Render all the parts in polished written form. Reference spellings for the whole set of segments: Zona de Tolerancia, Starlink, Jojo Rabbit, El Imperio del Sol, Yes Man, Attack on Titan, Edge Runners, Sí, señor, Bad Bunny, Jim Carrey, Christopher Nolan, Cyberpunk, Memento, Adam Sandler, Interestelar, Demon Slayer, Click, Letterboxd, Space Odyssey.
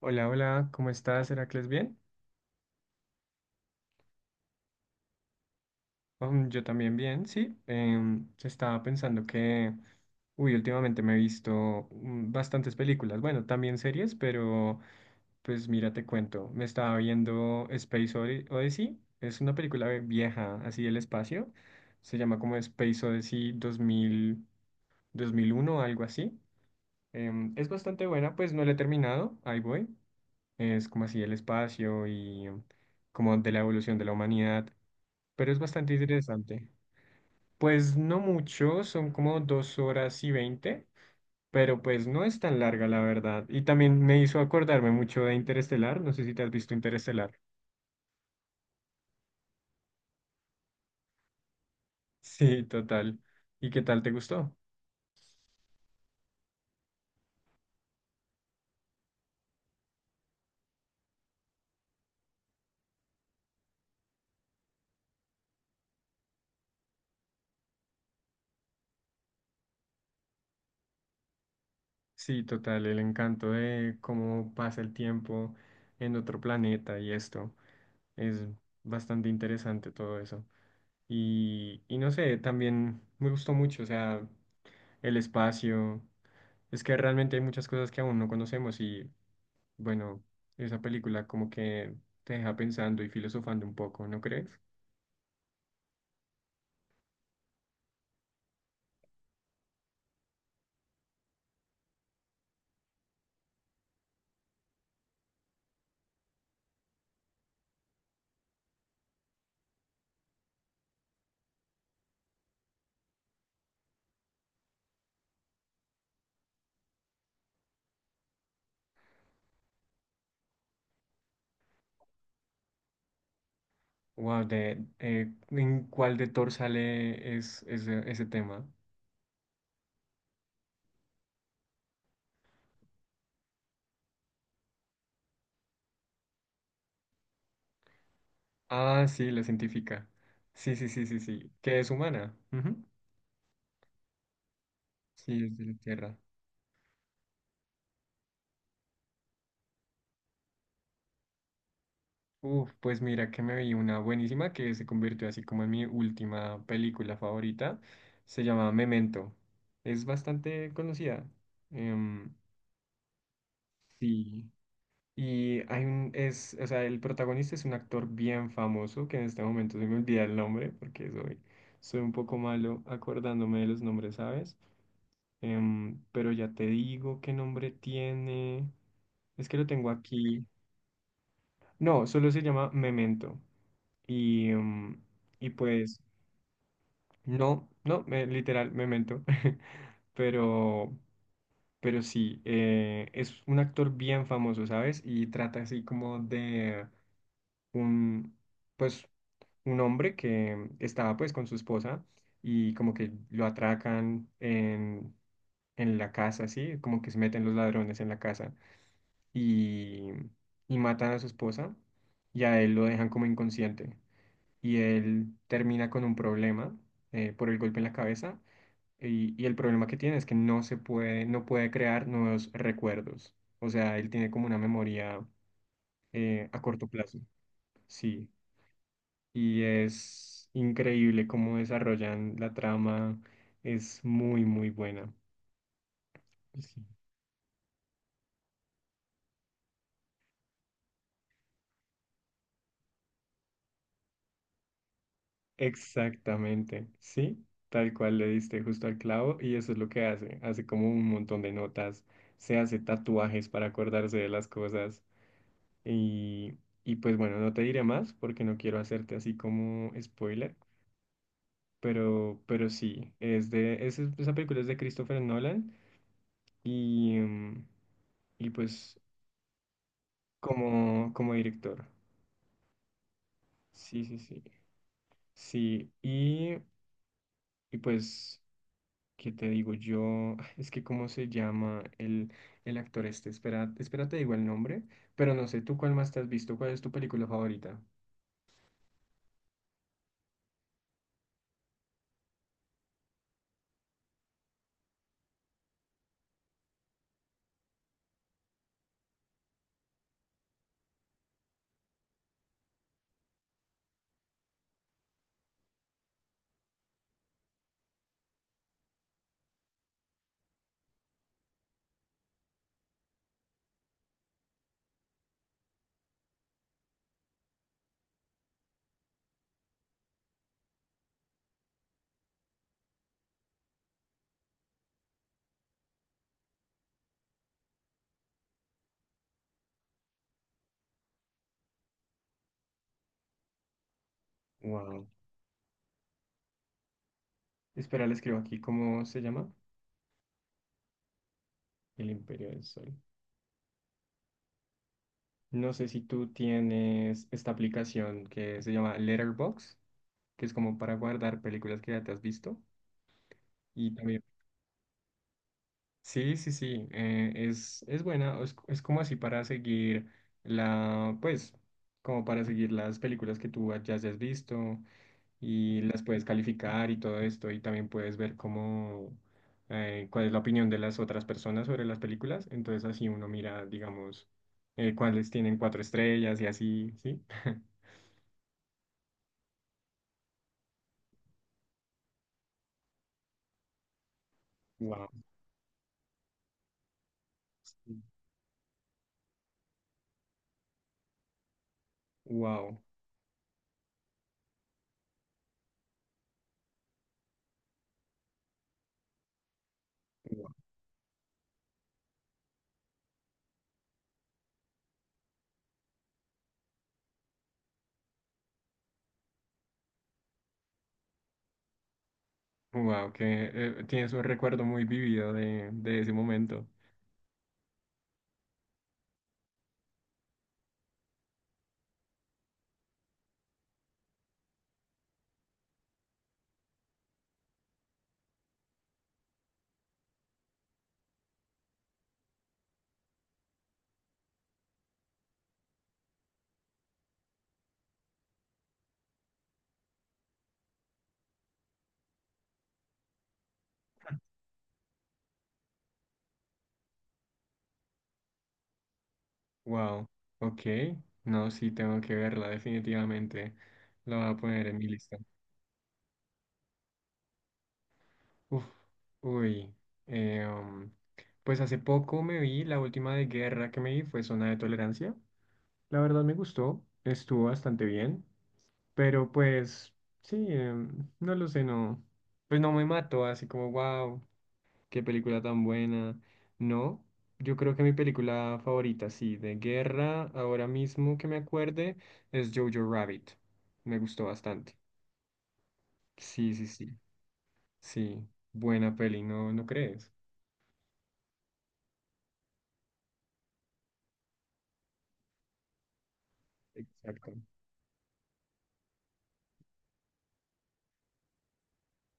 Hola, hola, ¿cómo estás, Heracles? ¿Bien? Yo también bien, sí. Estaba pensando que, uy, últimamente me he visto bastantes películas, bueno, también series, pero pues mira, te cuento, me estaba viendo Space Odyssey, es una película vieja, así del espacio. Se llama como Space Odyssey 2001, algo así. Es bastante buena, pues no la he terminado, ahí voy, es como así el espacio y como de la evolución de la humanidad, pero es bastante interesante. Pues no mucho, son como 2 horas y 20, pero pues no es tan larga, la verdad. Y también me hizo acordarme mucho de Interestelar, no sé si te has visto Interestelar. Sí, total. ¿Y qué tal te gustó? Sí, total, el encanto de cómo pasa el tiempo en otro planeta y esto. Es bastante interesante todo eso. Y no sé, también me gustó mucho, o sea, el espacio. Es que realmente hay muchas cosas que aún no conocemos y, bueno, esa película como que te deja pensando y filosofando un poco, ¿no crees? Wow, ¿en cuál de Thor sale es, ese ese tema? Ah, sí, la científica. Sí, sí, sí, sí, sí. Que es humana. Ujú. Sí, es de la Tierra. Uf, pues mira que me vi una buenísima que se convirtió así como en mi última película favorita. Se llama Memento. Es bastante conocida. Em, sí. Y hay o sea, el protagonista es un actor bien famoso, que en este momento se me olvida el nombre, porque soy un poco malo acordándome de los nombres, ¿sabes? Pero ya te digo qué nombre tiene. Es que lo tengo aquí. No, solo se llama Memento. Y, em, y pues, no, no, literal, Memento. Pero, pero sí, es un actor bien famoso, ¿sabes? Y trata así como de un, pues, un hombre que estaba pues con su esposa y como que lo atracan en la casa, ¿sí? Como que se meten los ladrones en la casa y, y matan a su esposa y a él lo dejan como inconsciente y él termina con un problema, por el golpe en la cabeza, y el problema que tiene es que no puede crear nuevos recuerdos. O sea, él tiene como una memoria, a corto plazo. Sí, y es increíble cómo desarrollan la trama. Es muy, muy buena. Sí. Exactamente, sí, tal cual le diste justo al clavo y eso es lo que hace, como un montón de notas, se hace tatuajes para acordarse de las cosas, y, y pues bueno, no te diré más porque no quiero hacerte así como spoiler, pero sí, esa película es de Christopher Nolan y, mm, y pues como director. Sí, sí, sí. Sí, y pues, ¿qué te digo yo? Es que, ¿cómo se llama el actor este? Espera, espera, te digo el nombre, pero no sé, ¿tú cuál más te has visto? ¿Cuál es tu película favorita? Wow. Espera, le escribo aquí, ¿cómo se llama? El Imperio del Sol. No sé si tú tienes esta aplicación que se llama Letterboxd, que es como para guardar películas que ya te has visto. Y también. Sí, sí, sí, es buena, es como así para seguir pues, como para seguir las películas que tú ya hayas visto y las puedes calificar y todo esto y también puedes ver cómo, cuál es la opinión de las otras personas sobre las películas, entonces así uno mira, digamos, cuáles tienen cuatro estrellas y así, ¿sí? Wow, wow, wow, que tienes un recuerdo muy vivido de ese momento. Wow, ok. No, sí, tengo que verla, definitivamente. La voy a poner en mi lista. Uf, uy. eh, um, pues hace poco me vi, la última de guerra que me vi fue Zona de Tolerancia. La verdad me gustó, estuvo bastante bien, pero pues sí, no lo sé, no. Pues no me mató, así como wow. Qué película tan buena. No, yo creo que mi película favorita, sí, de guerra, ahora mismo que me acuerde, es Jojo Rabbit. Me gustó bastante. Sí, sí, sí. Sí, buena peli, ¿no, no crees? Exacto.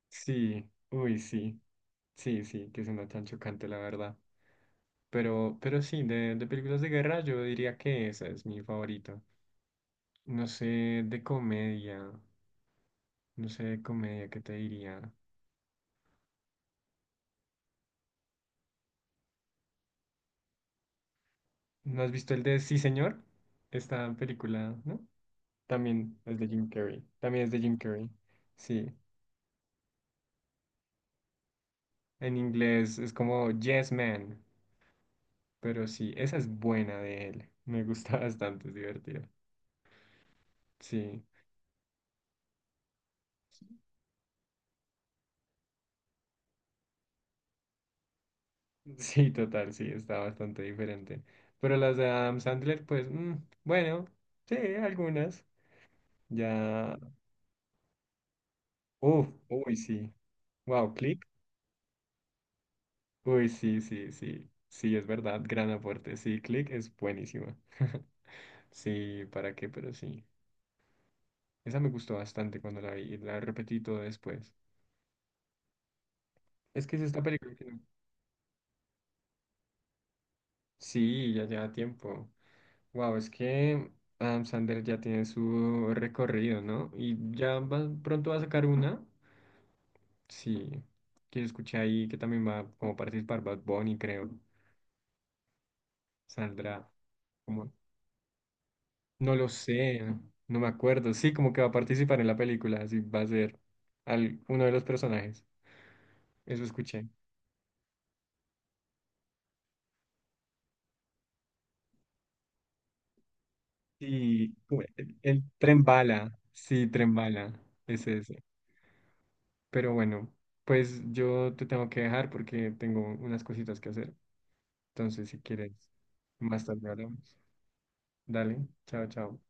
Sí, uy, sí. Sí, sí, que suena tan chocante, la verdad. Pero sí, de películas de guerra, yo diría que esa es mi favorita. No sé, de comedia. No sé, de comedia, ¿qué te diría? ¿No has visto el de Sí, señor? Esta película, ¿no? También es de Jim Carrey. También es de Jim Carrey. Sí. En inglés es como Yes Man. Pero sí, esa es buena de él. Me gusta bastante, es divertida. Sí. Sí, total, sí, está bastante diferente. Pero las de Adam Sandler, pues, bueno, sí, algunas. Ya. Uf, uy, sí. Wow, uy, sí, sí, sí. Sí, es verdad. Gran aporte. Sí, Click es buenísima. Sí, ¿para qué? Pero sí. Esa me gustó bastante cuando la vi. La repetí todo después. Es que es esta película que no- Sí, ya lleva tiempo. Wow, es que Adam Sandler ya tiene su recorrido, ¿no? Y pronto va a sacar una. Sí. Que escuché ahí que también va como participar Bad Bunny, creo. Saldrá. No lo sé, no me acuerdo. Sí, como que va a participar en la película, así va a ser uno de los personajes. Eso escuché. Y el tren bala, sí, tren bala, es ese. Pero bueno, pues yo te tengo que dejar porque tengo unas cositas que hacer. Entonces, si quieres, más tarde hablamos. Dale, chao, chao.